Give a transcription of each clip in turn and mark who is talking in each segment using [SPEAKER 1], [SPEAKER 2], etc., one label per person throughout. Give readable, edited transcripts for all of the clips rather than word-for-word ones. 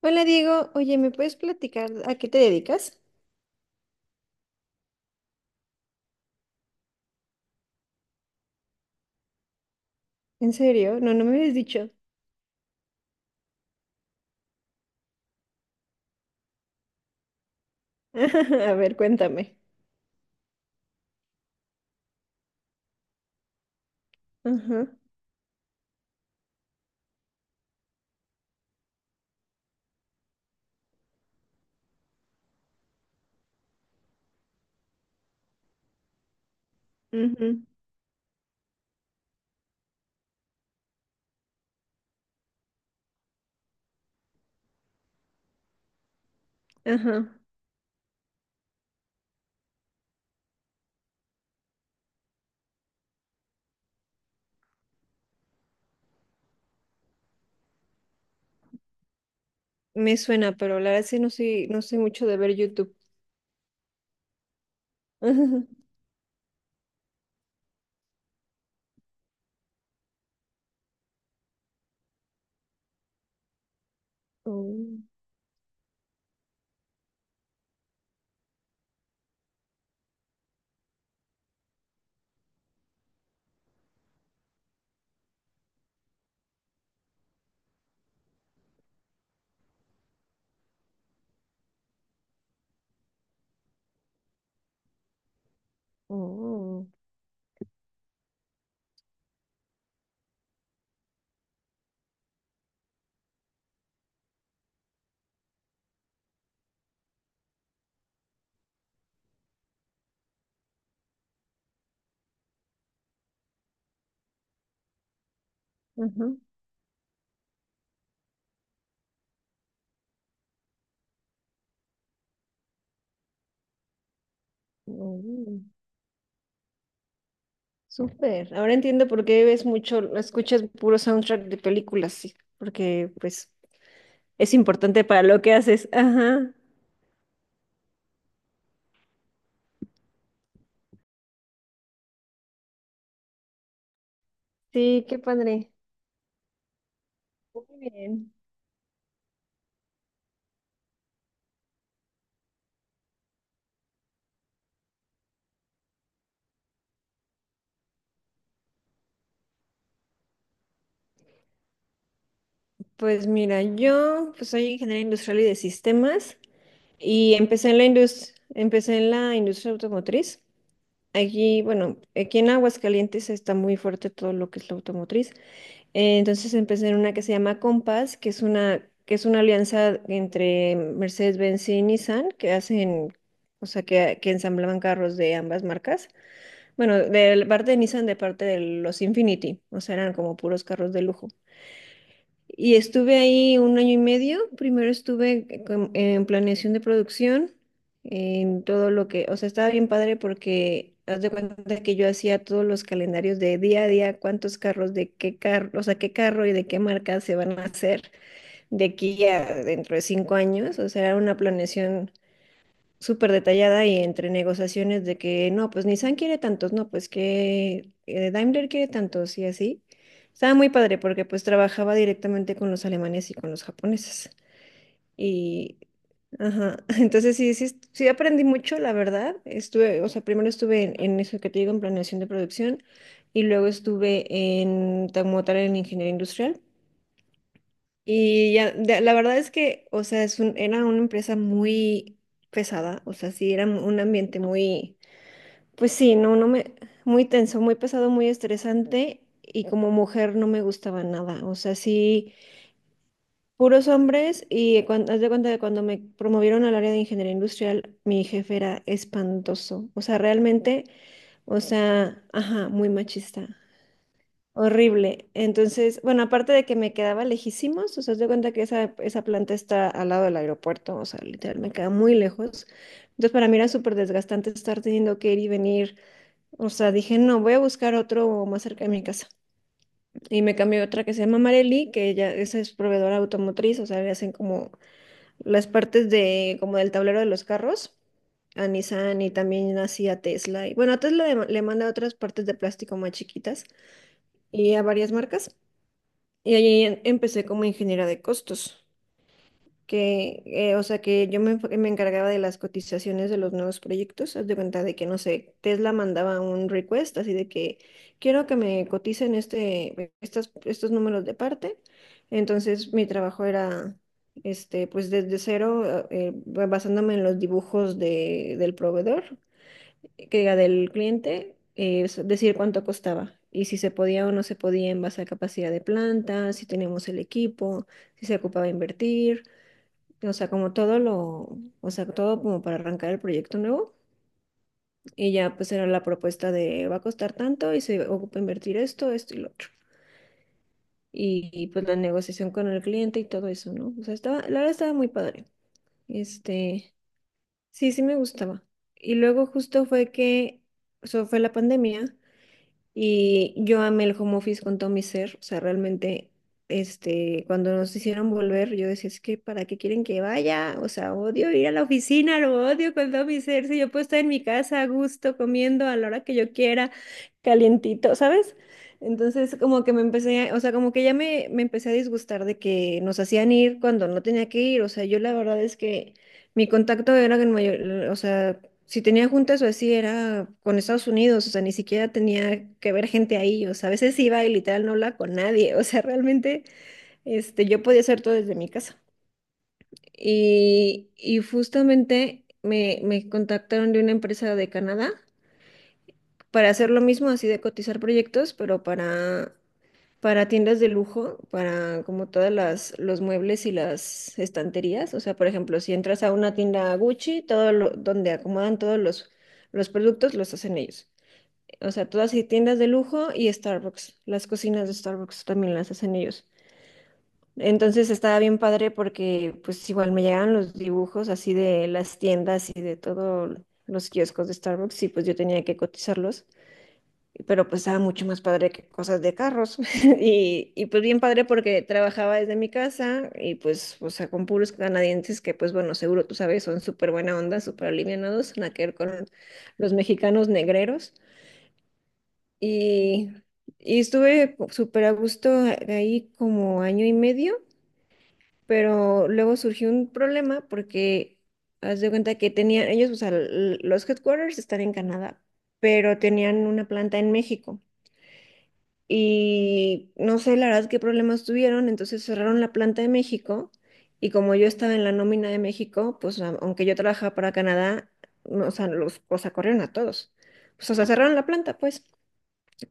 [SPEAKER 1] Hola Diego, oye, ¿me puedes platicar a qué te dedicas? ¿En serio? No, no me habías dicho. A ver, cuéntame. Ajá, ujú, ajá. Me suena, pero la verdad sí no soy mucho de ver YouTube. Ajá. Oh, oh, ajá, oh. Súper. Ahora entiendo por qué ves mucho, escuchas puro soundtrack de películas, sí, porque pues es importante para lo que haces. Ajá. Sí, qué padre. Muy bien. Pues mira, yo pues soy ingeniera industrial y de sistemas y empecé en la industria automotriz. Aquí, bueno, aquí en Aguascalientes está muy fuerte todo lo que es la automotriz. Entonces empecé en una que se llama Compass, que es una alianza entre Mercedes-Benz y Nissan que hacen, o sea, que ensamblaban carros de ambas marcas. Bueno, de la parte de Nissan, de parte de los Infinity, o sea, eran como puros carros de lujo. Y estuve ahí un año y medio. Primero en planeación de producción, en todo lo que, o sea, estaba bien padre porque haz de cuenta que yo hacía todos los calendarios de día a día, cuántos carros, de qué carro, o sea, qué carro y de qué marca se van a hacer de aquí a dentro de cinco años. O sea, era una planeación súper detallada y entre negociaciones de que no, pues Nissan quiere tantos, no, pues que Daimler quiere tantos y así. Estaba muy padre porque pues trabajaba directamente con los alemanes y con los japoneses. Y, ajá, entonces sí, sí, sí aprendí mucho, la verdad. Estuve, o sea, primero estuve en eso que te digo, en planeación de producción y luego estuve en, como tal, en ingeniería industrial. Y ya, la verdad es que, o sea, era una empresa muy pesada, o sea, sí, era un ambiente muy, pues sí, no, no me, muy tenso, muy pesado, muy estresante, y como mujer no me gustaba nada, o sea, sí, puros hombres, y cuando, haz de cuenta que cuando me promovieron al área de ingeniería industrial, mi jefe era espantoso, o sea, realmente, o sea, ajá, muy machista. Horrible. Entonces, bueno, aparte de que me quedaba lejísimos, o sea, te cuenta que esa planta está al lado del aeropuerto, o sea, literal, me queda muy lejos. Entonces, para mí era súper desgastante estar teniendo que ir y venir. O sea, dije, no, voy a buscar otro más cerca de mi casa. Y me cambié a otra que se llama Marelli, que ella, esa es proveedora automotriz, o sea, le hacen como como del tablero de los carros a Nissan y también así a Tesla. Y bueno, a Tesla le manda otras partes de plástico más chiquitas y a varias marcas. Y ahí empecé como ingeniera de costos, que, o sea, que me encargaba de las cotizaciones de los nuevos proyectos. Haz de cuenta de que, no sé, Tesla mandaba un request así de que quiero que me coticen estos números de parte. Entonces, mi trabajo era, este, pues desde cero, basándome en los dibujos del proveedor que diga del cliente, es decir cuánto costaba y si se podía o no se podía en base a capacidad de planta, si teníamos el equipo, si se ocupaba invertir, o sea, como todo lo, o sea, todo como para arrancar el proyecto nuevo y ya pues era la propuesta de va a costar tanto y se ocupa invertir esto, esto y lo otro. Y pues la negociación con el cliente y todo eso, ¿no? O sea, estaba, la verdad estaba muy padre. Este, sí, sí me gustaba. Y luego justo fue que, eso fue la pandemia. Y yo amé el home office con todo mi ser, o sea, realmente, este, cuando nos hicieron volver, yo decía, es que ¿para qué quieren que vaya? O sea, odio ir a la oficina, lo odio con todo mi ser, si yo puedo estar en mi casa a gusto, comiendo a la hora que yo quiera, calientito, ¿sabes? Entonces, como que o sea, como que ya me empecé a disgustar de que nos hacían ir cuando no tenía que ir, o sea, yo la verdad es que mi contacto era, o sea, si tenía juntas o así era con Estados Unidos, o sea, ni siquiera tenía que ver gente ahí, o sea, a veces iba y literal no hablaba con nadie, o sea, realmente este, yo podía hacer todo desde mi casa. Y justamente me contactaron de una empresa de Canadá para hacer lo mismo, así de cotizar proyectos, pero para tiendas de lujo, para como todas los muebles y las estanterías, o sea, por ejemplo, si entras a una tienda Gucci, todo lo, donde acomodan los productos los hacen ellos. O sea, todas hay tiendas de lujo y Starbucks. Las cocinas de Starbucks también las hacen ellos. Entonces estaba bien padre porque pues igual me llegaban los dibujos así de las tiendas y de todos los kioscos de Starbucks y pues yo tenía que cotizarlos. Pero pues estaba mucho más padre que cosas de carros. Y, y pues bien padre porque trabajaba desde mi casa y pues, o sea, con puros canadienses que pues bueno, seguro tú sabes, son súper buena onda, súper alivianados, nada que ver con los mexicanos negreros. Y, y estuve súper a gusto ahí como año y medio, pero luego surgió un problema porque haz de cuenta que tenían ellos, o sea, los headquarters están en Canadá, pero tenían una planta en México. Y no sé la verdad qué problemas tuvieron, entonces cerraron la planta de México y como yo estaba en la nómina de México, pues aunque yo trabajaba para Canadá, no, o sea, los, o sea, corrieron a todos. Pues, o sea, cerraron la planta, pues.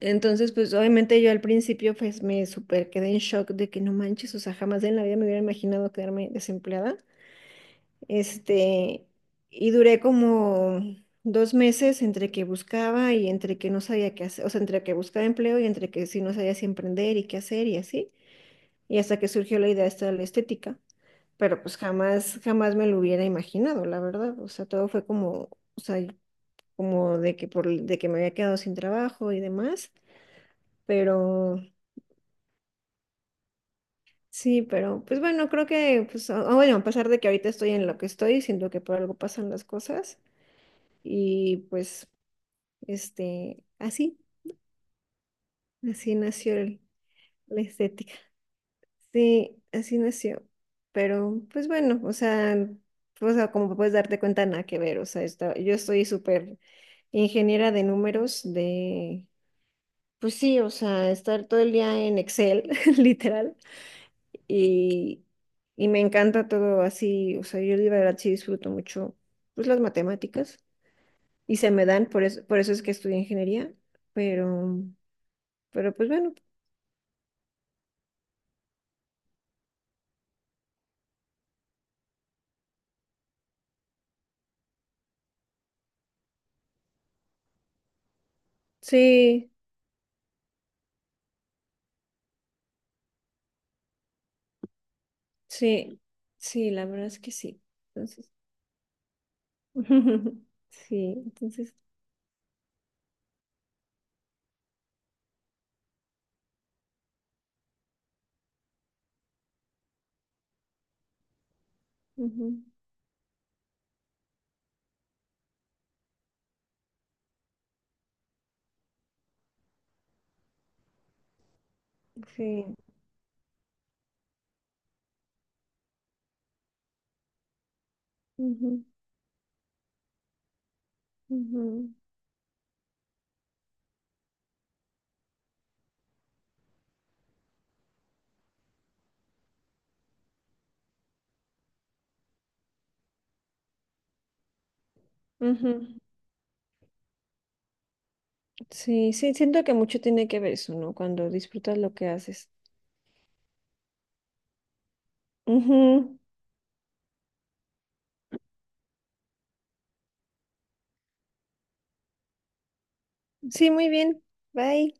[SPEAKER 1] Entonces, pues obviamente yo al principio pues me super quedé en shock de que no manches, o sea, jamás en la vida me hubiera imaginado quedarme desempleada. Este, y duré como dos meses entre que buscaba y entre que no sabía qué hacer, o sea, entre que buscaba empleo y entre que sí no sabía si emprender y qué hacer y así. Y hasta que surgió la idea esta de la estética, pero pues jamás, jamás me lo hubiera imaginado, la verdad. O sea, todo fue como, o sea, como de que por, de que me había quedado sin trabajo y demás, pero sí, pero pues bueno, creo que, pues, bueno, a pesar de que ahorita estoy en lo que estoy, siento que por algo pasan las cosas y pues, este, así, así nació el- la estética. Sí, así nació. Pero pues bueno, o sea, como puedes darte cuenta, nada que ver, o sea, yo estoy súper ingeniera de números, de, pues sí, o sea, estar todo el día en Excel, literal. Y, y me encanta todo así, o sea, yo de verdad sí disfruto mucho pues las matemáticas y se me dan, por eso es que estudié ingeniería, pero, pero pues bueno, sí, sí, sí, la verdad es que sí. Entonces, sí, entonces, ujú, sí, ujú, ujú, ujú. Sí, sí, siento que mucho tiene que ver eso, ¿no? Cuando disfrutas lo que haces. Ujú. Sí, muy bien. Bye.